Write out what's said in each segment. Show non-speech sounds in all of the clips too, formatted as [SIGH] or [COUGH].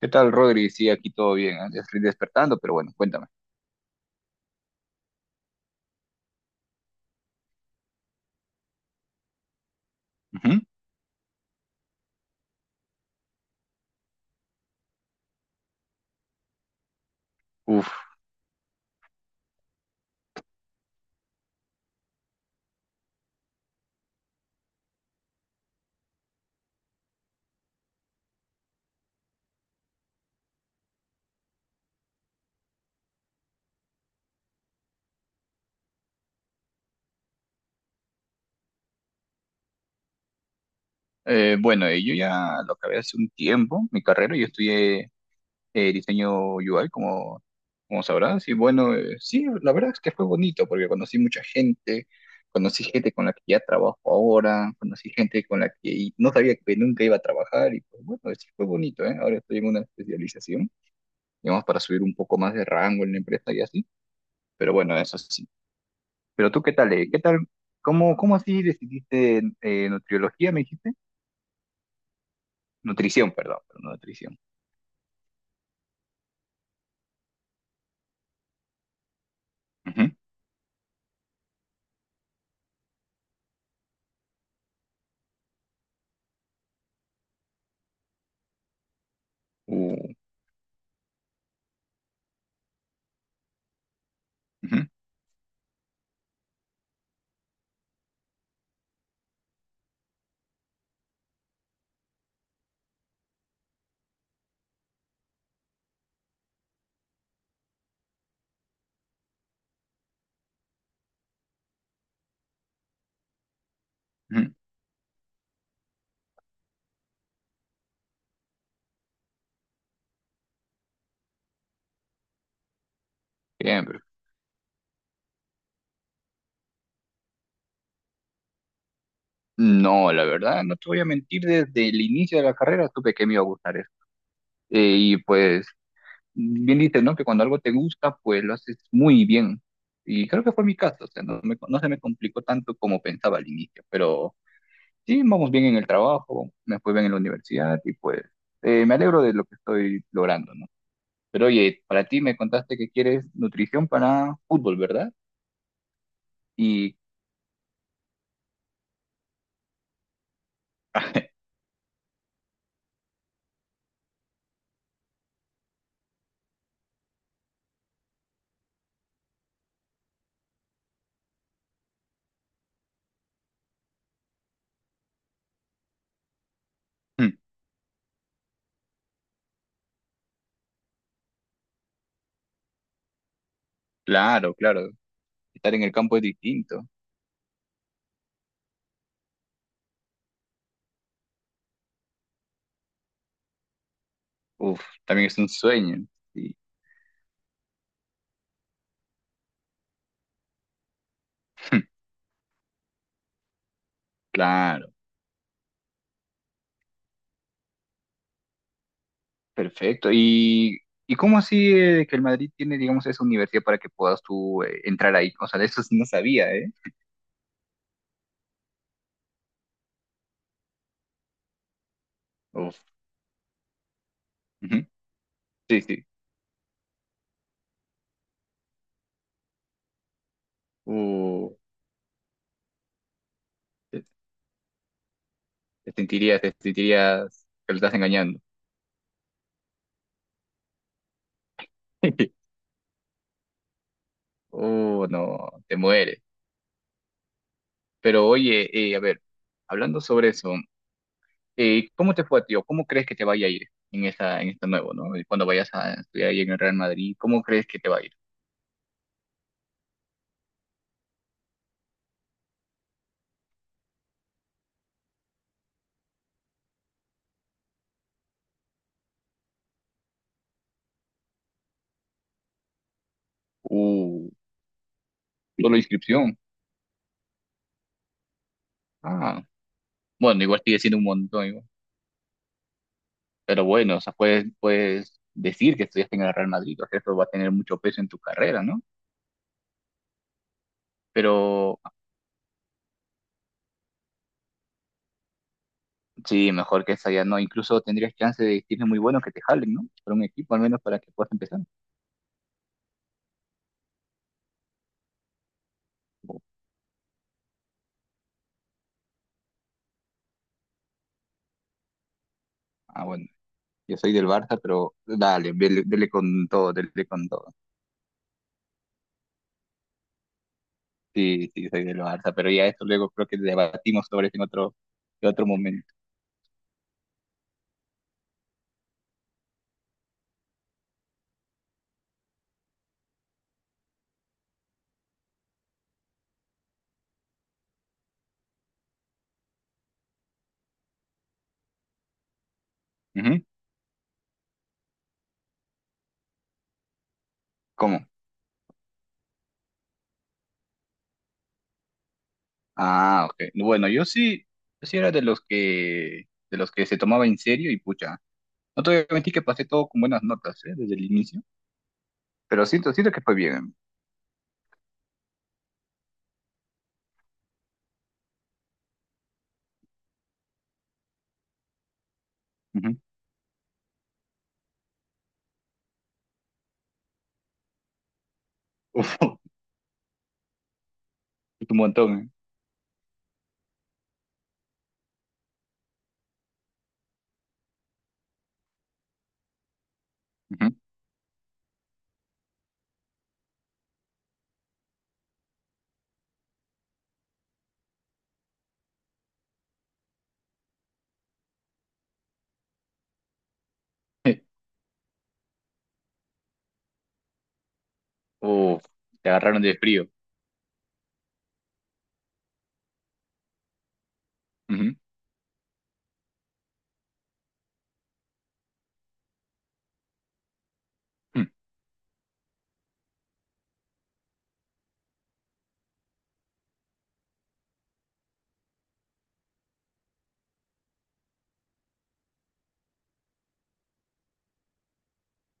¿Qué tal, Rodri? Sí, aquí todo bien. ¿Eh? Ya estoy despertando, pero bueno, cuéntame. Ujú. Uf. Bueno, yo ya lo acabé hace un tiempo, mi carrera. Yo estudié diseño UI, como, como sabrás. Y bueno, sí, la verdad es que fue bonito porque conocí mucha gente. Conocí gente con la que ya trabajo ahora. Conocí gente con la que no sabía que nunca iba a trabajar. Y pues bueno, sí fue bonito, ¿eh? Ahora estoy en una especialización, digamos, para subir un poco más de rango en la empresa y así. Pero bueno, eso sí. Pero tú, ¿qué tal? ¿Eh? ¿Qué tal? ¿Cómo, cómo así decidiste nutriología, me dijiste? Nutrición, perdón, pero no nutrición. Ujú. Uh, ujú, ujú. Bien, pero- No, la verdad, no te voy a mentir, desde el inicio de la carrera supe que me iba a gustar eso. Y pues, bien dices, ¿no? Que cuando algo te gusta, pues lo haces muy bien. Y creo que fue mi caso, o sea, no, me- no se me complicó tanto como pensaba al inicio, pero sí, vamos bien en el trabajo, me fue bien en la universidad y pues me alegro de lo que estoy logrando, ¿no? Pero oye, para ti me contaste que quieres nutrición para fútbol, ¿verdad? Y [LAUGHS] claro, claro, estar en el campo es distinto. Uf, también es un sueño. Sí, [LAUGHS] claro, perfecto. Y cómo así que el Madrid tiene, digamos, esa universidad para que puedas tú entrar ahí? O sea, de eso sí no sabía, ¿eh? Uf, ujú, sí, sí. Uh, te, te sentirías que lo estás engañando. [LAUGHS] Oh, no, te mueres. Pero oye, a ver, hablando sobre eso, ¿cómo te fue a ti o cómo crees que te vaya a ir en esta nuevo, ¿no? Y cuando vayas a estudiar ahí en el Real Madrid, ¿cómo crees que te va a ir? Uh, solo inscripción. Ah, bueno, igual sigue siendo un montón, igual. Pero bueno, o sea, puedes, puedes decir que estudiaste en el Real Madrid, o sea, eso va a tener mucho peso en tu carrera, ¿no? Pero sí, mejor que esa ya no, incluso tendrías chance de decirle muy bueno que te jalen, ¿no? Por un equipo al menos para que puedas empezar. Ah, bueno. Yo soy del Barça, pero dale, dele, dele con todo, dele con todo. Sí, sí, soy del Barça, pero ya esto luego creo que debatimos sobre eso en otro momento. Ujú. ¿Cómo? Ah, ok. Bueno, yo sí, yo sí era de los que se tomaba en serio y pucha. No te voy a mentir que pasé todo con buenas notas, ¿eh? Desde el inicio, pero siento, siento que fue bien. Ujú. Uf, [LAUGHS] es un montón, ¿eh? Ujú. [LAUGHS] Uf, te agarraron de frío. Ujú. Mm.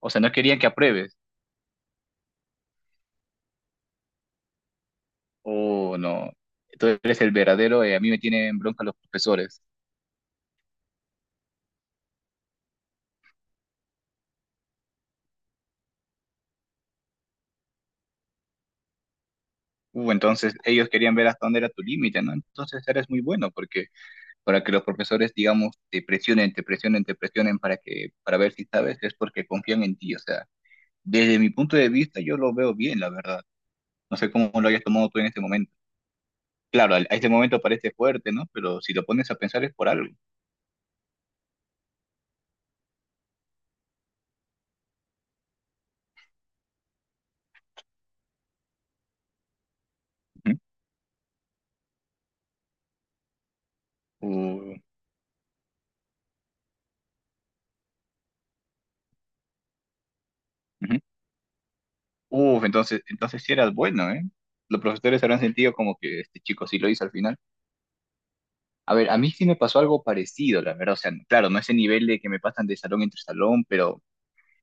O sea, no querían que apruebes. Oh, no. Tú eres el verdadero, a mí me tienen bronca los profesores. Entonces ellos querían ver hasta dónde era tu límite, ¿no? Entonces eres muy bueno porque para que los profesores, digamos, te presionen, te presionen, te presionen para que, para ver si sabes, es porque confían en ti. O sea, desde mi punto de vista yo lo veo bien, la verdad. No sé cómo lo hayas tomado tú en este momento. Claro, al- a este momento parece fuerte, ¿no? Pero si lo pones a pensar es por algo. Ujú. Uh, ujú. Uf, entonces, entonces sí eras bueno, ¿eh? Los profesores habrán sentido como que este chico sí lo hizo al final. A ver, a mí sí me pasó algo parecido, la verdad. O sea, claro, no a ese nivel de que me pasan de salón entre salón, pero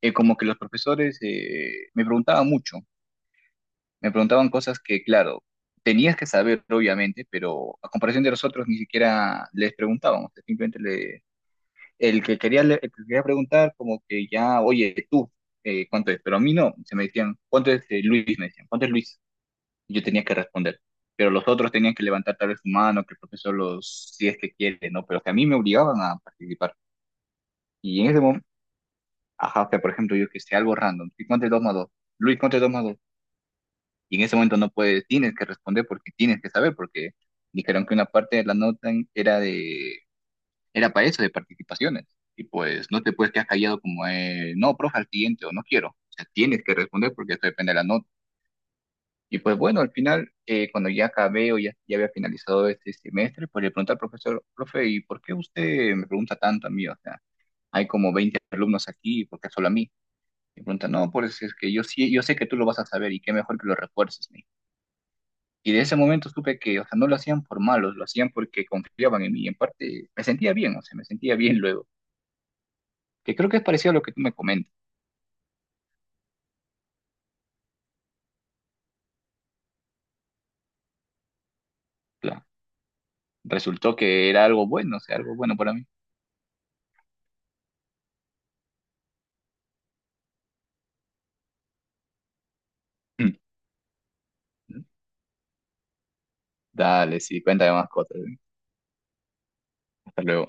como que los profesores me preguntaban mucho. Me preguntaban cosas que, claro, tenías que saber, obviamente, pero a comparación de nosotros ni siquiera les preguntaban. O sea, simplemente le, el que quería, le- el que quería preguntar, como que ya, oye, tú, ¿cuánto es? Pero a mí no. Se me decían, ¿cuánto es Luis? Me decían, ¿cuánto es Luis? Yo tenía que responder. Pero los otros tenían que levantar tal vez su mano, que el profesor los, si es que quiere, ¿no? Pero que a mí me obligaban a participar. Y en ese momento, ajá, o sea, por ejemplo, yo que sé, algo random, ¿sí cuánto es 2 más 2, Luis, ¿cuánto es 2 más 2, y en ese momento no puedes, tienes que responder porque tienes que saber, porque dijeron que una parte de la nota era de, era para eso, de participaciones. Y pues no te puedes quedar callado como, no, profe, al siguiente, o no quiero. O sea, tienes que responder porque esto depende de la nota. Y pues bueno, al final, cuando ya acabé o ya, ya había finalizado este semestre, pues le pregunté al profesor, profe, ¿y por qué usted me pregunta tanto a mí? O sea, hay como 20 alumnos aquí, ¿por qué solo a mí? Me pregunta, no, pues es que yo sí, yo sé que tú lo vas a saber y qué mejor que lo refuerces, me dijo. Y de ese momento supe que, o sea, no lo hacían por malos, lo hacían porque confiaban en mí. Y en parte me sentía bien, o sea, me sentía bien luego. Que creo que es parecido a lo que tú me comentas. Claro. Resultó que era algo bueno, o sea, algo bueno para mí. [CLEARS THROAT] Dale, sí, cuéntame más cosas. ¿Eh? Hasta luego.